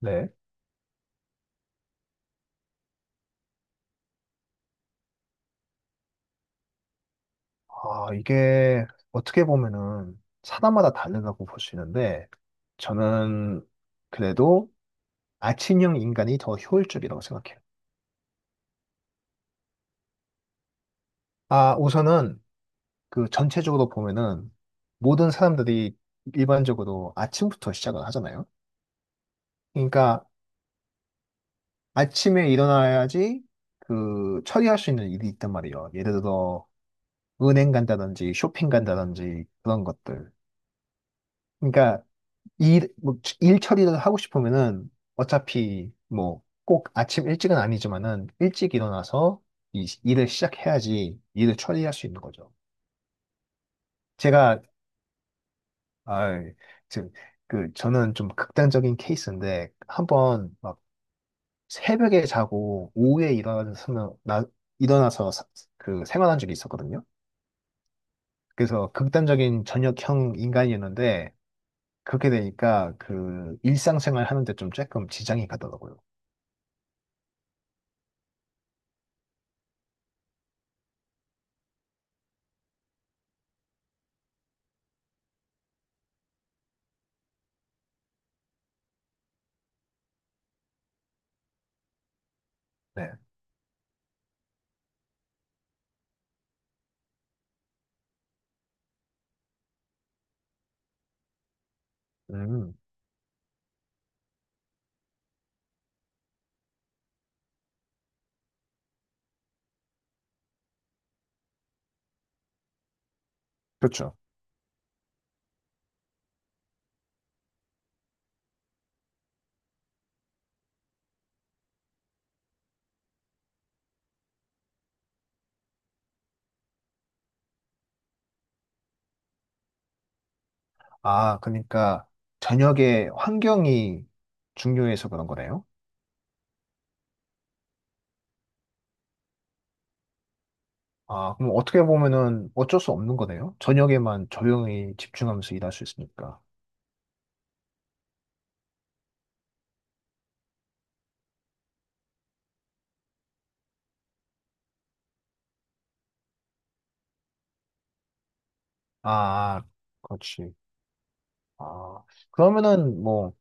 네. 이게 어떻게 보면은 사람마다 다르다고 볼 수 있는데, 저는 그래도 아침형 인간이 더 효율적이라고 생각해요. 아, 우선은 그 전체적으로 보면은 모든 사람들이 일반적으로 아침부터 시작을 하잖아요. 그러니까 아침에 일어나야지 그 처리할 수 있는 일이 있단 말이에요. 예를 들어 은행 간다든지 쇼핑 간다든지 그런 것들. 그러니까 일, 뭐, 일 처리를 하고 싶으면은 어차피 뭐 꼭 아침 일찍은 아니지만은 일찍 일어나서 이 일을 시작해야지 일을 처리할 수 있는 거죠. 제가, 아, 저, 그, 저는 좀 극단적인 케이스인데 한번 막 새벽에 자고 오후에 일어나서, 나, 일어나서 사- 그 생활한 적이 있었거든요. 그래서 극단적인 저녁형 인간이었는데 그렇게 되니까 그 일상생활 하는데 좀 조금 지장이 가더라고요. 네. 음. 그렇죠. 아, 그러니까 저녁에 환경이 중요해서 그런 거네요. 아, 그럼 어떻게 보면은 어쩔 수 없는 거네요. 저녁에만 조용히 집중하면서 일할 수 있으니까. 아, 그렇지. 아, 그러면은 뭐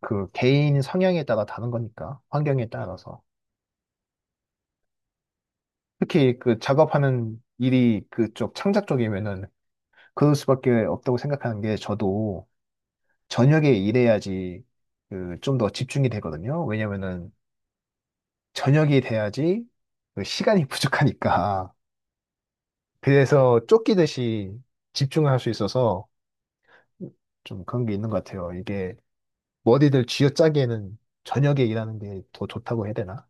그 개인 성향에 따라 다른 거니까 환경에 따라서 특히 그 작업하는 일이 그쪽 창작 쪽이면은 그럴 수밖에 없다고 생각하는 게 저도 저녁에 일해야지 그 좀 더 집중이 되거든요. 왜냐면은 저녁이 돼야지 그 시간이 부족하니까. 그래서 쫓기듯이 집중을 할 수 있어서 좀 그런 게 있는 것 같아요. 이게 뭐 어디들 쥐어짜기에는 저녁에 일하는 게 더 좋다고 해야 되나?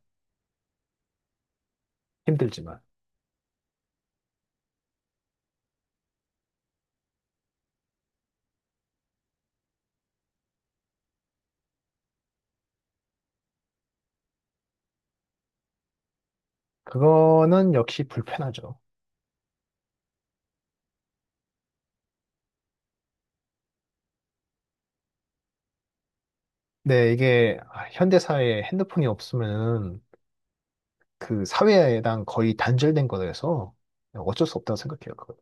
힘들지만. 그거는 역시 불편하죠. 네, 이게 현대 사회에 핸드폰이 없으면 그 사회랑 거의 단절된 거라서 어쩔 수 없다고 생각해요. 그거.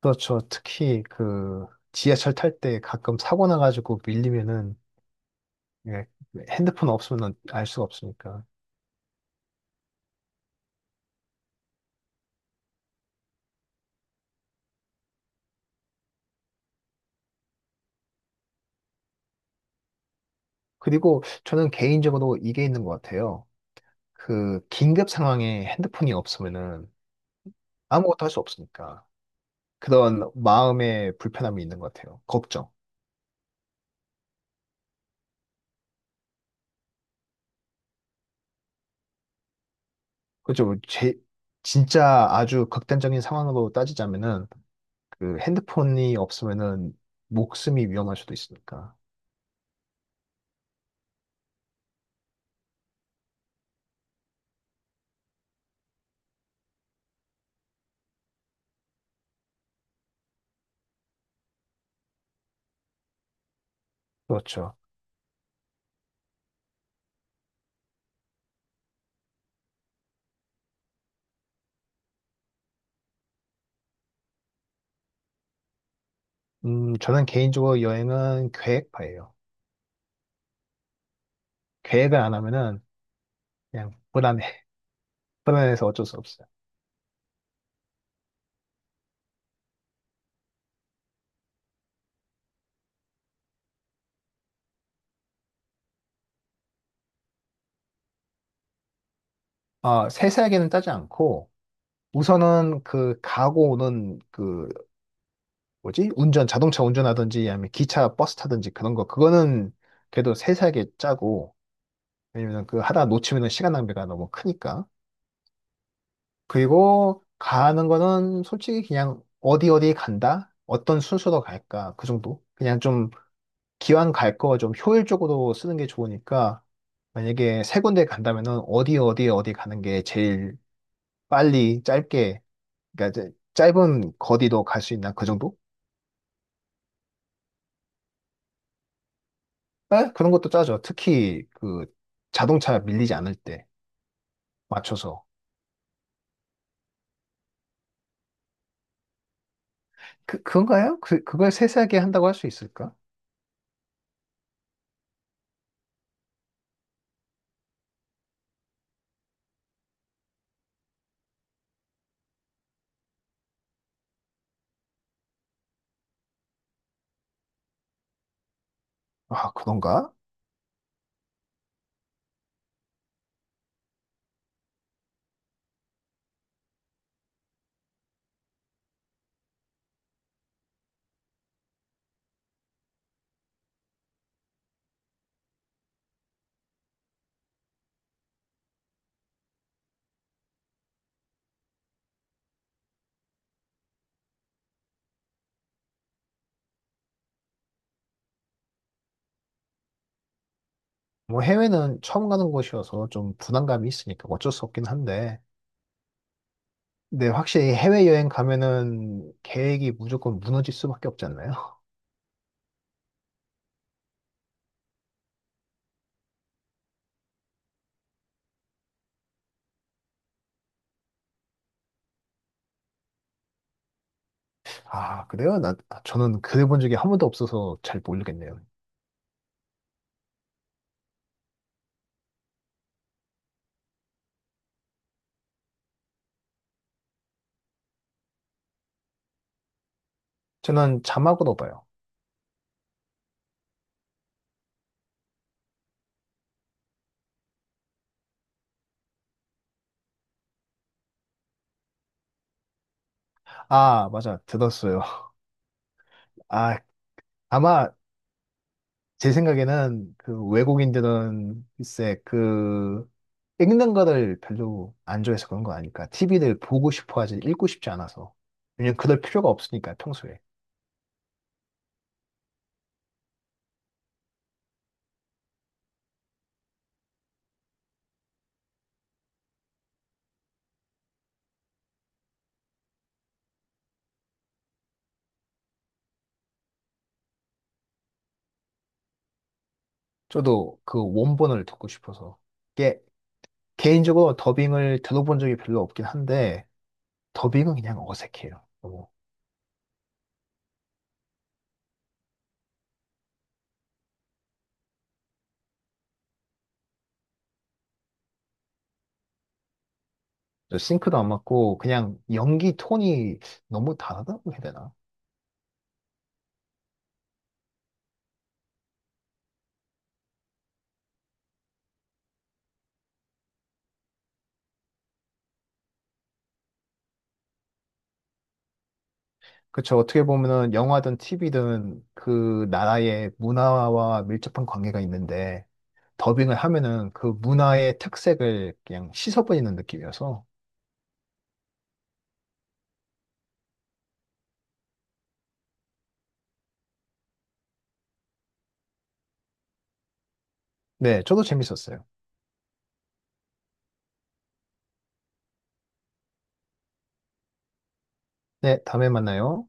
그렇죠. 특히 그 지하철 탈 때 가끔 사고 나가지고 밀리면은 예, 핸드폰 없으면 알 수가 없으니까. 그리고 저는 개인적으로 이게 있는 것 같아요. 그 긴급 상황에 핸드폰이 없으면은 아무것도 할 수 없으니까 그런 마음의 불편함이 있는 것 같아요. 걱정. 그죠? 제 진짜 아주 극단적인 상황으로 따지자면은 그 핸드폰이 없으면은 목숨이 위험할 수도 있으니까. 그렇죠. 저는 개인적으로 여행은 계획파예요. 계획을 안 하면은 그냥 불안해. 불안해서 어쩔 수 없어요. 아, 세세하게는 따지 않고 우선은 그 가고 오는 그 뭐지? 운전 자동차 운전하든지 아니면 기차 버스 타든지 그런 거 그거는 그래도 세세하게 짜고 왜냐면 그 하다 놓치면은 시간 낭비가 너무 크니까. 그리고 가는 거는 솔직히 그냥 어디 어디 간다? 어떤 순서로 갈까? 그 정도. 그냥 좀 기왕 갈 거 좀 효율적으로 쓰는 게 좋으니까 만약에 세 군데 간다면은 어디 어디 어디 가는 게 제일 빨리 짧게 그러니까 이제 짧은 거리도 갈 수 있나 그 정도? 에? 그런 것도 짜죠. 특히 그 자동차 밀리지 않을 때 맞춰서 그 그건가요? 그 그걸 세세하게 한다고 할 수 있을까? 아 그런가? 뭐 해외는 처음 가는 곳이어서 좀 부담감이 있으니까 어쩔 수 없긴 한데 근데 확실히 해외여행 가면은 계획이 무조건 무너질 수밖에 없지 않나요? 아 그래요? 나 아, 저는 그래본 적이 한 번도 없어서 잘 모르겠네요. 저는 자막으로 봐요. 아 맞아 들었어요. 아 아마 제 생각에는 그 외국인들은 글쎄 그 읽는 거를 별로 안 좋아해서 그런 거 아닐까. TV를 보고 싶어 하지 읽고 싶지 않아서. 왜냐면 그럴 필요가 없으니까 평소에. 저도 그 원본을 듣고 싶어서. 이게 개인적으로 더빙을 들어본 적이 별로 없긴 한데 더빙은 그냥 어색해요. 너무. 저 싱크도 안 맞고 그냥 연기 톤이 너무 다르다고 해야 되나? 그쵸. 어떻게 보면은 영화든 TV든 그 나라의 문화와 밀접한 관계가 있는데 더빙을 하면은 그 문화의 특색을 그냥 씻어버리는 느낌이어서 네, 저도 재밌었어요. 네, 다음에 만나요.